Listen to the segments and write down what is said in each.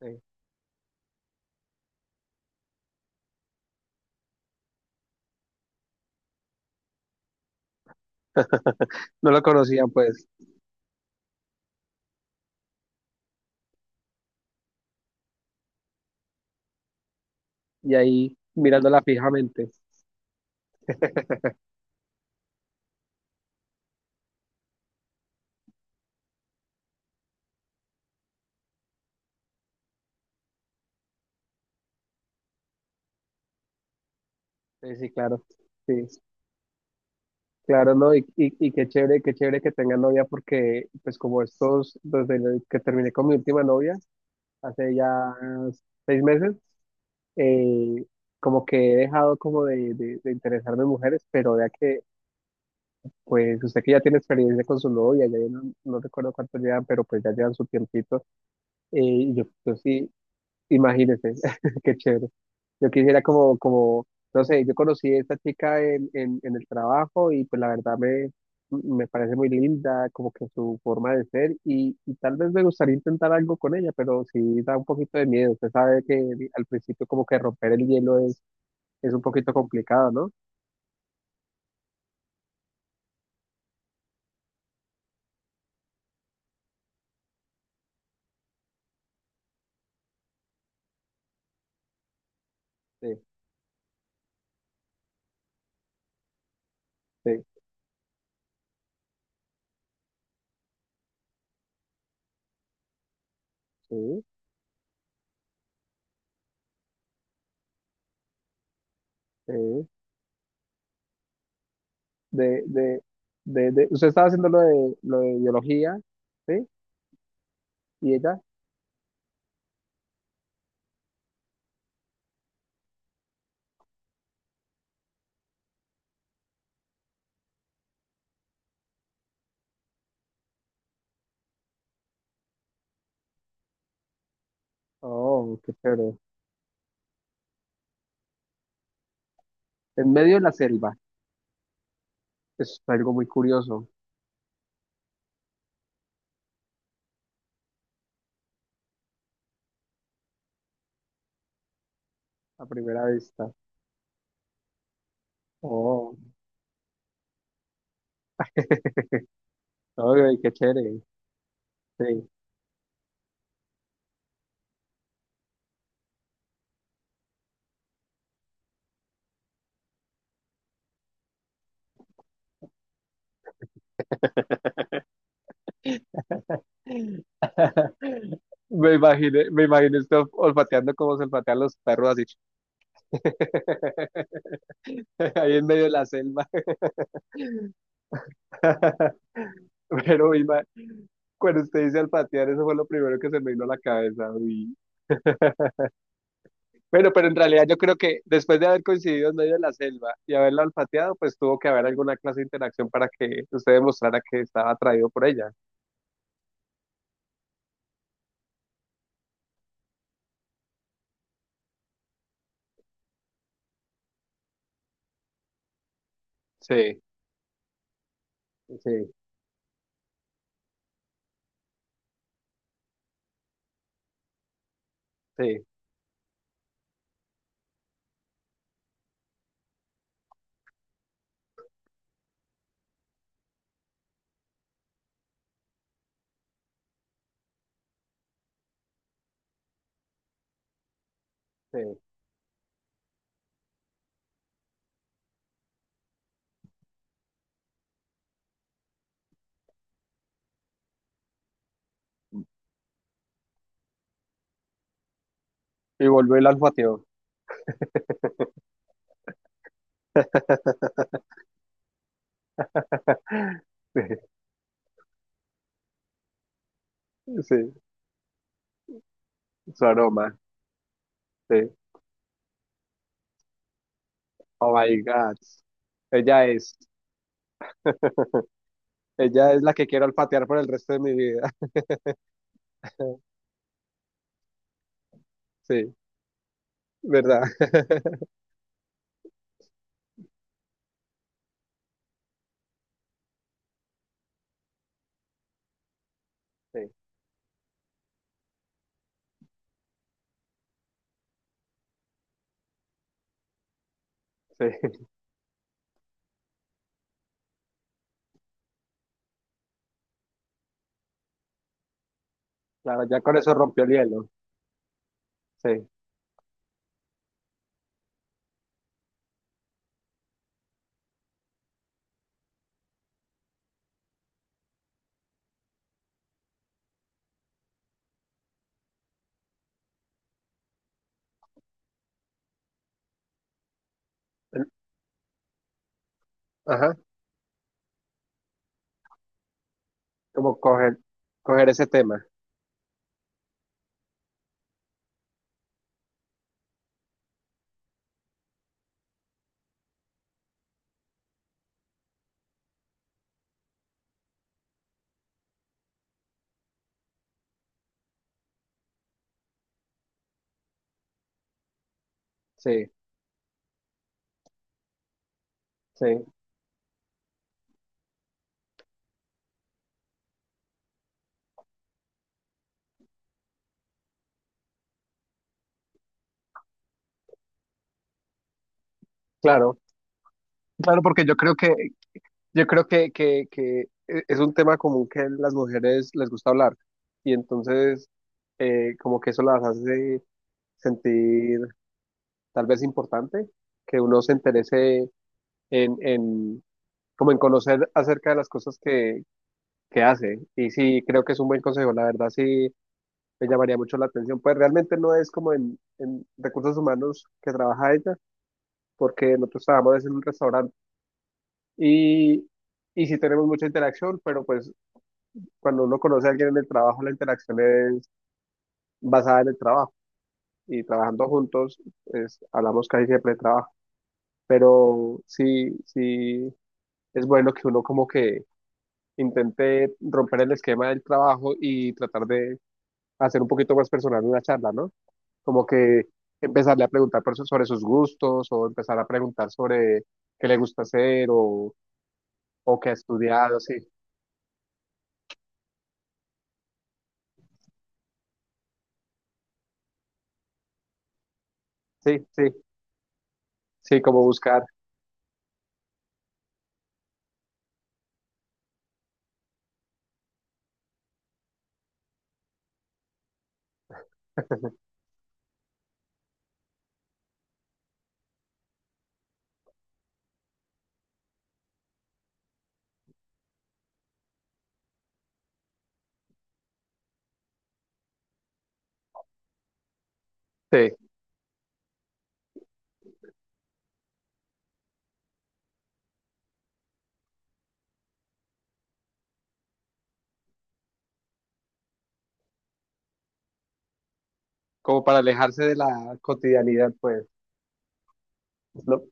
Sí. No lo conocían, pues, y ahí mirándola fijamente. Sí, sí, claro, sí, claro, ¿no? Y qué chévere que tenga novia porque, pues, como estos, desde el que terminé con mi última novia, hace ya seis meses, eh, como que he dejado como de interesarme en mujeres, pero ya que, pues, usted que ya tiene experiencia con su novia, no, recuerdo cuánto llevan, pero pues ya llevan su tiempito, y yo sí, Imagínese, qué chévere. Yo quisiera no sé, yo conocí a esta chica en el trabajo y pues la verdad me parece muy linda, como que su forma de ser y tal vez me gustaría intentar algo con ella, pero sí da un poquito de miedo. Usted sabe que al principio como que romper el hielo es un poquito complicado, ¿no? Sí, sí, sí, sí. De, de, usted estaba haciendo lo de biología, ¿sí? ¿Y ella? Oh, qué chévere. En medio de la selva. Es algo muy curioso a primera vista. Oh, ay, qué chévere. Sí. Me imaginé esto olfateando como se olfatean los perros así. Ahí en medio de la selva. Pero ima- cuando usted dice olfatear, eso fue lo primero que se me vino a la cabeza. Uy. Bueno, pero en realidad yo creo que después de haber coincidido en medio de la selva y haberla olfateado, pues tuvo que haber alguna clase de interacción para que usted demostrara que estaba atraído por ella. Sí, sí, sí, sí. Y volver al patio. Sí, sí, su aroma. Sí. Oh my God. Ella es, ella es la que quiero olfatear por el resto de mi vida. Sí, ¿verdad? Sí, sí. Claro, ya con eso rompió el hielo. Sí. El- Ajá. Como coger, coger ese tema. Sí, sí. Claro. Claro, porque yo creo que, que es un tema común que las mujeres les gusta hablar. Y entonces, como que eso las hace sentir tal vez importante, que uno se interese en, como en conocer acerca de las cosas que hace. Y sí, creo que es un buen consejo, la verdad sí me llamaría mucho la atención. Pues realmente no es como en recursos humanos que trabaja ella, porque nosotros trabajamos en un restaurante y, y sí tenemos mucha interacción, pero pues cuando uno conoce a alguien en el trabajo, la interacción es basada en el trabajo y trabajando juntos, es, hablamos casi siempre de trabajo. Pero sí, sí, es bueno que uno como que intente romper el esquema del trabajo y tratar de hacer un poquito más personal una charla, ¿no? Como que empezarle a preguntar por sobre sus gustos o empezar a preguntar sobre qué le gusta hacer o qué ha estudiado, sí, sí, sí, sí, como buscar, sí, como para alejarse de la cotidianidad, pues, ¿no?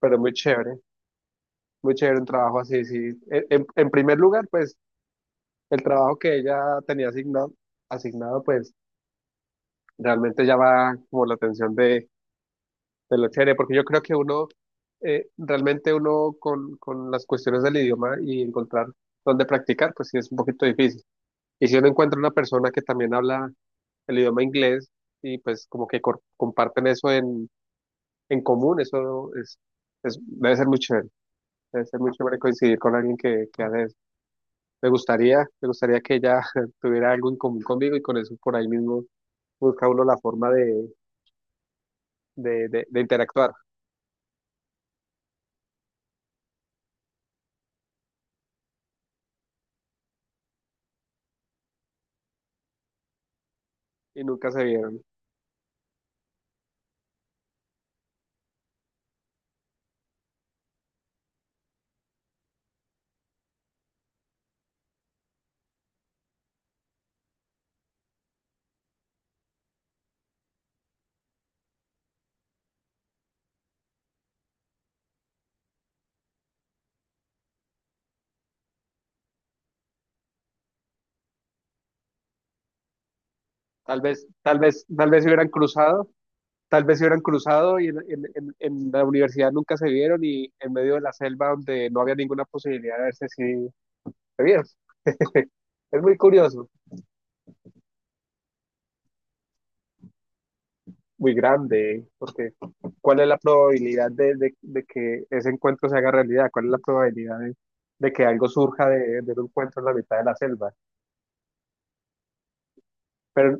Pero muy chévere un trabajo así, sí. En en primer lugar, pues, el trabajo que ella tenía asignado, asignado pues realmente llama como la atención de lo chévere, porque yo creo que uno, realmente uno con las cuestiones del idioma y encontrar dónde practicar, pues sí es un poquito difícil. Y si uno encuentra una persona que también habla el idioma inglés y pues como que comparten eso en común, eso es, debe ser muy chévere, debe ser muy chévere coincidir con alguien que hace eso. Me gustaría que ella tuviera algo en común conmigo y con eso por ahí mismo busca uno la forma de interactuar y nunca se vieron. Tal vez, tal vez, tal vez se hubieran cruzado, tal vez se hubieran cruzado y en la universidad nunca se vieron y en medio de la selva donde no había ninguna posibilidad de verse si se vieron. Es muy curioso, muy grande, porque ¿cuál es la probabilidad de que ese encuentro se haga realidad? ¿Cuál es la probabilidad de que algo surja de un encuentro en la mitad de la selva? Pero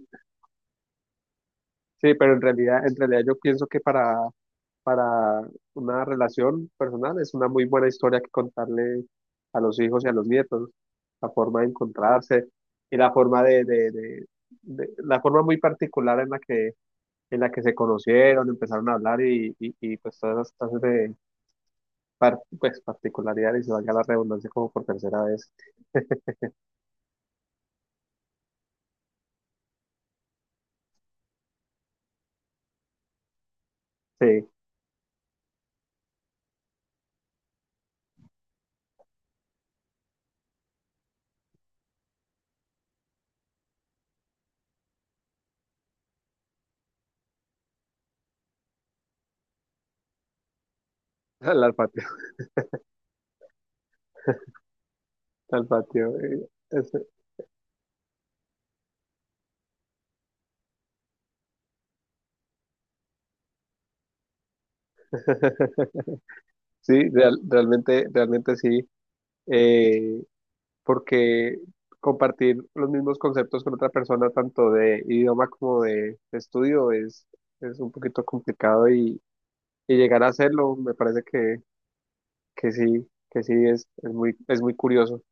sí, pero en realidad yo pienso que para una relación personal es una muy buena historia que contarle a los hijos y a los nietos, la forma de encontrarse y la forma la forma muy particular en la que se conocieron, empezaron a hablar pues todas las clases de pues, particularidades y se valga la redundancia como por tercera vez. Sí, al patio, al patio. Sí, realmente, realmente sí. Eh, porque compartir los mismos conceptos con otra persona, tanto de idioma como de estudio, es un poquito complicado y llegar a hacerlo me parece que sí es muy curioso.